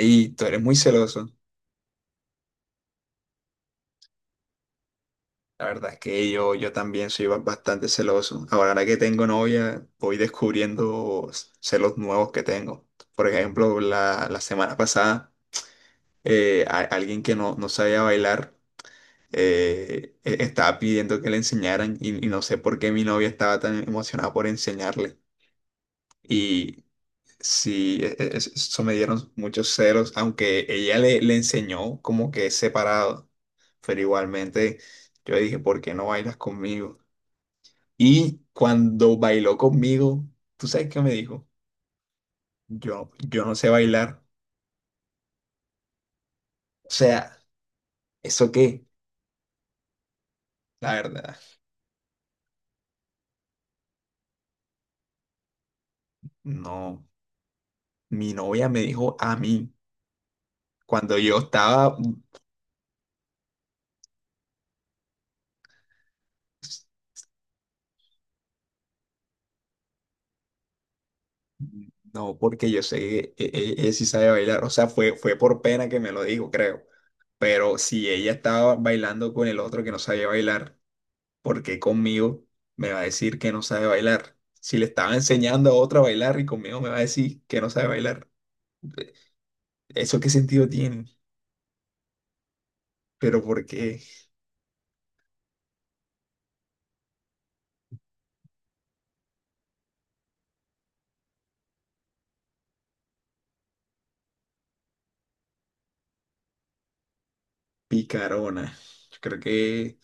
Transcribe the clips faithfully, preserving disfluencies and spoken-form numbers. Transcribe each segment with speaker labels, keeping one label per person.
Speaker 1: Y tú eres muy celoso. La verdad es que yo, yo también soy ba- bastante celoso. Ahora, ahora que tengo novia, voy descubriendo c- celos nuevos que tengo. Por ejemplo, la, la semana pasada, eh, a- alguien que no, no sabía bailar eh, e- estaba pidiendo que le enseñaran y, y no sé por qué mi novia estaba tan emocionada por enseñarle. Sí, e- e- es- eso me dieron muchos celos, aunque ella le, le enseñó como que es separado, pero igualmente yo le dije, ¿por qué no bailas conmigo? Y cuando bailó conmigo, ¿tú sabes qué me dijo? Yo, yo no sé bailar. O sea, ¿eso qué? La verdad, no. Mi novia me dijo a mí, cuando yo estaba, no, porque yo sé que e- e- ella sí sabe bailar, o sea, fue, fue por pena que me lo dijo, creo. Pero si ella estaba bailando con el otro que no sabía bailar, ¿por qué conmigo me va a decir que no sabe bailar? Si le estaba enseñando a otra a bailar y conmigo me va a decir que no sabe bailar. Eh, ¿Eso qué sentido tiene? Pero ¿por qué picarona? Yo creo que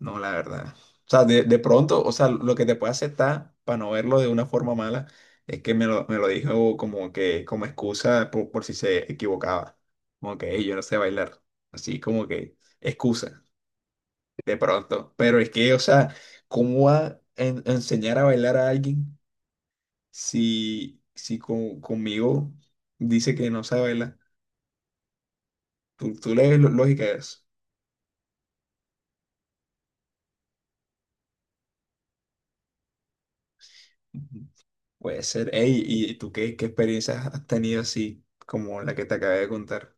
Speaker 1: no, la verdad. O sea, de, de pronto, o sea, lo que te puede aceptar para no verlo de una forma mala es que me lo, me lo dijo como que como excusa por, por si se equivocaba. Como que "Ey, yo no sé bailar". Así como que excusa. De pronto. Pero es que, o sea, ¿cómo va a en- a enseñar a bailar a alguien si, si con- conmigo dice que no sabe bailar? ¿Tú, tú le ves lo- lógica a eso? Ujú. Puede ser. Ey, ¿y tú qué, qué experiencias has tenido así como la que te acabé de contar?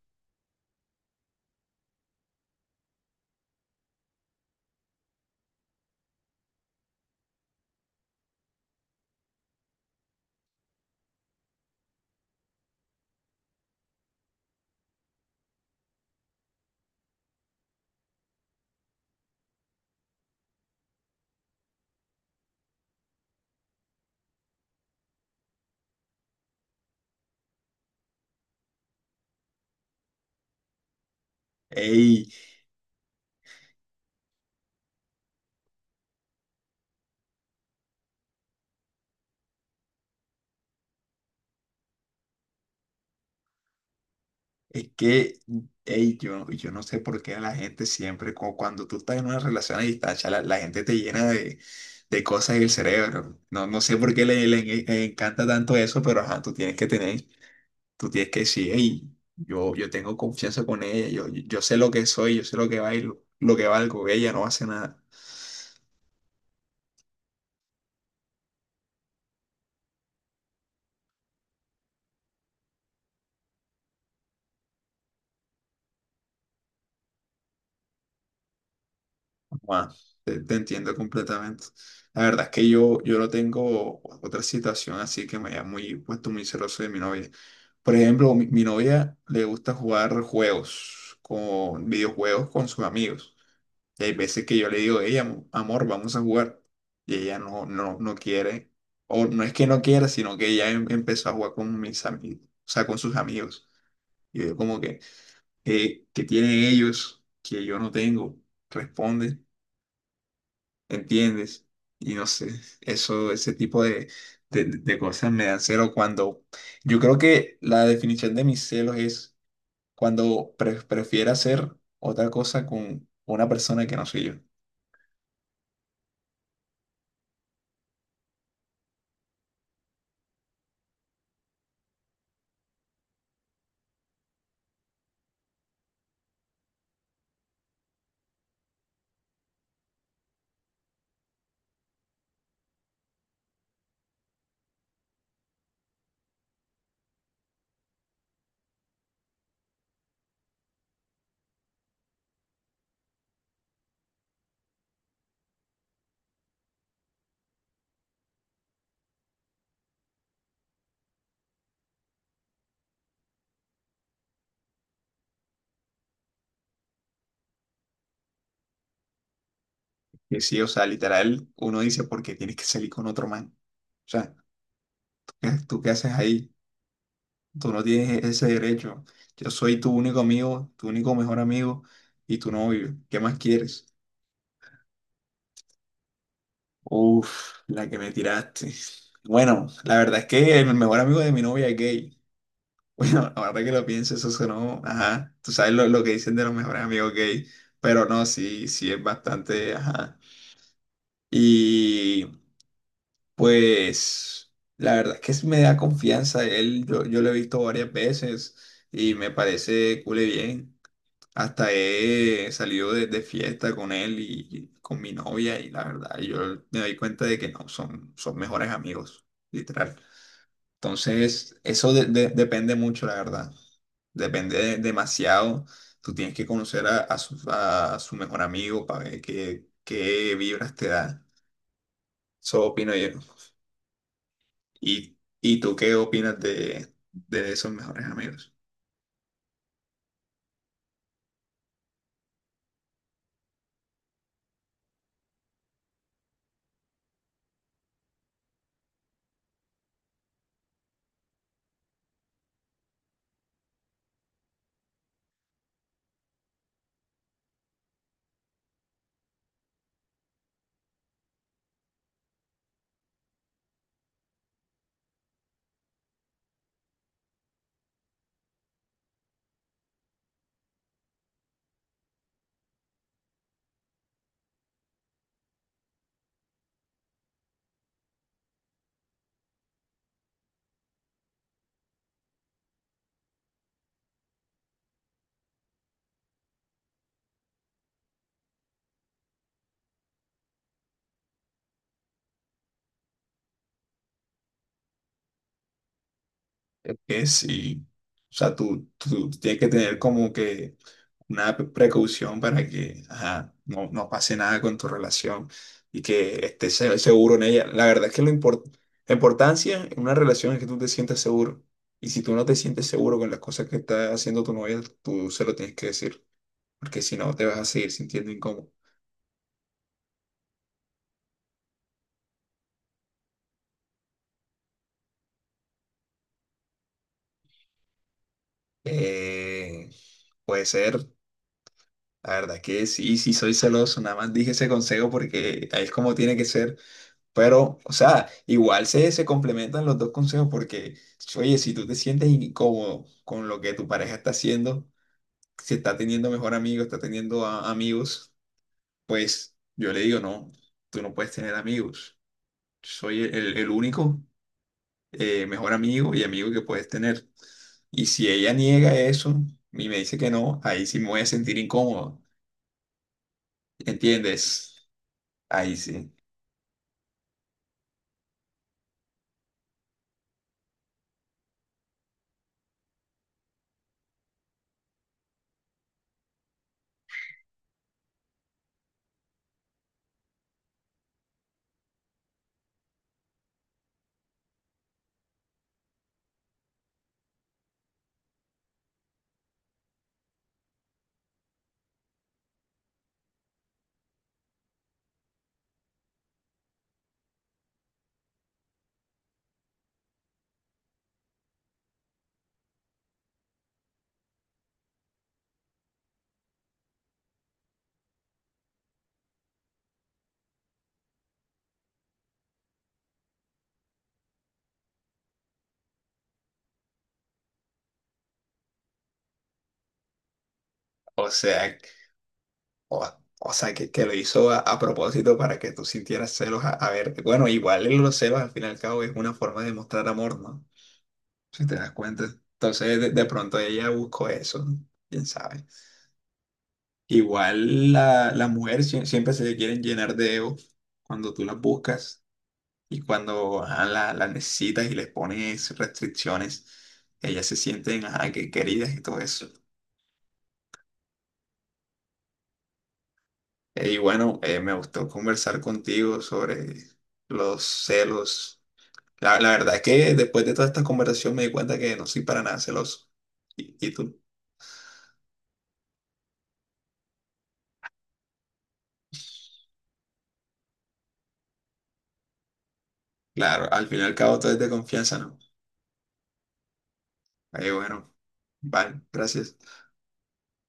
Speaker 1: Ey. Es que, ey, yo, yo no sé por qué a la gente siempre, cu- cuando tú estás en una relación a distancia, la, la gente te llena de, de cosas en el cerebro. No, no sé por qué le, le- le encanta tanto eso, pero ajá, tú tienes que tener, tú tienes que decir, hey, yo, yo tengo confianza con ella, yo, yo sé lo que soy, yo sé lo que bailo, lo que valgo, ella no hace nada. Bueno, te, te entiendo completamente. La verdad es que yo, yo no tengo otra situación así que me haya muy, puesto muy celoso de mi novia. Por ejemplo, mi, mi novia le gusta jugar juegos, con videojuegos con sus amigos. Y hay veces que yo le digo, ella, amor, vamos a jugar. Y ella no, no, no quiere, o no es que no quiera, sino que ella em- empezó a jugar con mis amigos, o sea, con sus amigos. Y yo como que, eh, ¿qué tienen ellos que yo no tengo? Responde. ¿Entiendes? Y no sé, eso, ese tipo de, de, de cosas me dan celo cuando, yo creo que la definición de mis celos es cuando pre- prefiero hacer otra cosa con una persona que no soy yo. Que sí, o sea, literal, uno dice, ¿porque tienes que salir con otro man? O sea, ¿tú qué, tú qué haces ahí? Tú no tienes ese derecho. Yo soy tu único amigo, tu único mejor amigo y tu novio. ¿Qué más quieres? Uf, la que me tiraste. Bueno, la verdad es que el mejor amigo de mi novia es gay. Bueno, ahora que lo pienso, eso sonó, ajá. Tú sabes lo, lo que dicen de los mejores amigos gay, pero no, sí, sí es bastante, ajá. Y pues, la verdad es que sí me da confianza él. Yo, yo lo he visto varias veces y me parece cool y bien. Hasta he salido de, de fiesta con él y y con mi novia y la verdad, yo me doy cuenta de que no, son, son mejores amigos, literal. Entonces, eso de- de- depende mucho, la verdad. Depende de- demasiado. Tú tienes que conocer a, a su, a su mejor amigo para ver qué, qué vibras te da. Eso opino yo. ¿Y, y tú qué opinas de, de esos mejores amigos? Eh, Que sí, o sea, tú, tú tienes que tener como que una pre- precaución para que ajá, no, no pase nada con tu relación y que estés se- seguro en ella. La verdad es que lo import- la importancia en una relación es que tú te sientas seguro. Y si tú no te sientes seguro con las cosas que está haciendo tu novia, tú se lo tienes que decir, porque si no te vas a seguir sintiendo incómodo. Eh, puede ser, la verdad que sí, sí soy celoso, nada más dije ese consejo porque ahí es como tiene que ser. Pero, o sea, igual se, se complementan los dos consejos porque, oye, si tú te sientes incómodo con lo que tu pareja está haciendo, si está teniendo mejor amigo, está teniendo a- amigos, pues yo le digo, no, tú no puedes tener amigos. Soy el, el el único eh, mejor amigo y amigo que puedes tener. Y si ella niega eso y me dice que no, ahí sí me voy a sentir incómodo. ¿Entiendes? Ahí sí. O sea, O, o sea, que, que lo hizo a, a propósito para que tú sintieras celos a, a ver. Bueno, igual en los celos al fin y al cabo es una forma de mostrar amor, ¿no? Si te das cuenta. Entonces, de, de pronto ella buscó eso, ¿no? Quién sabe. Igual la, las mujeres sie- siempre se quieren llenar de ego cuando tú las buscas y cuando ajá, la- las necesitas y les pones restricciones, ellas se sienten ajá, que queridas y todo eso. Eh, y bueno, eh, me gustó conversar contigo sobre los celos. La, la verdad es que después de toda esta conversación me di cuenta que no soy para nada celoso. ¿Y, y tú? Claro, al fin y al cabo todo es de confianza, ¿no? Ahí bueno, vale, gracias.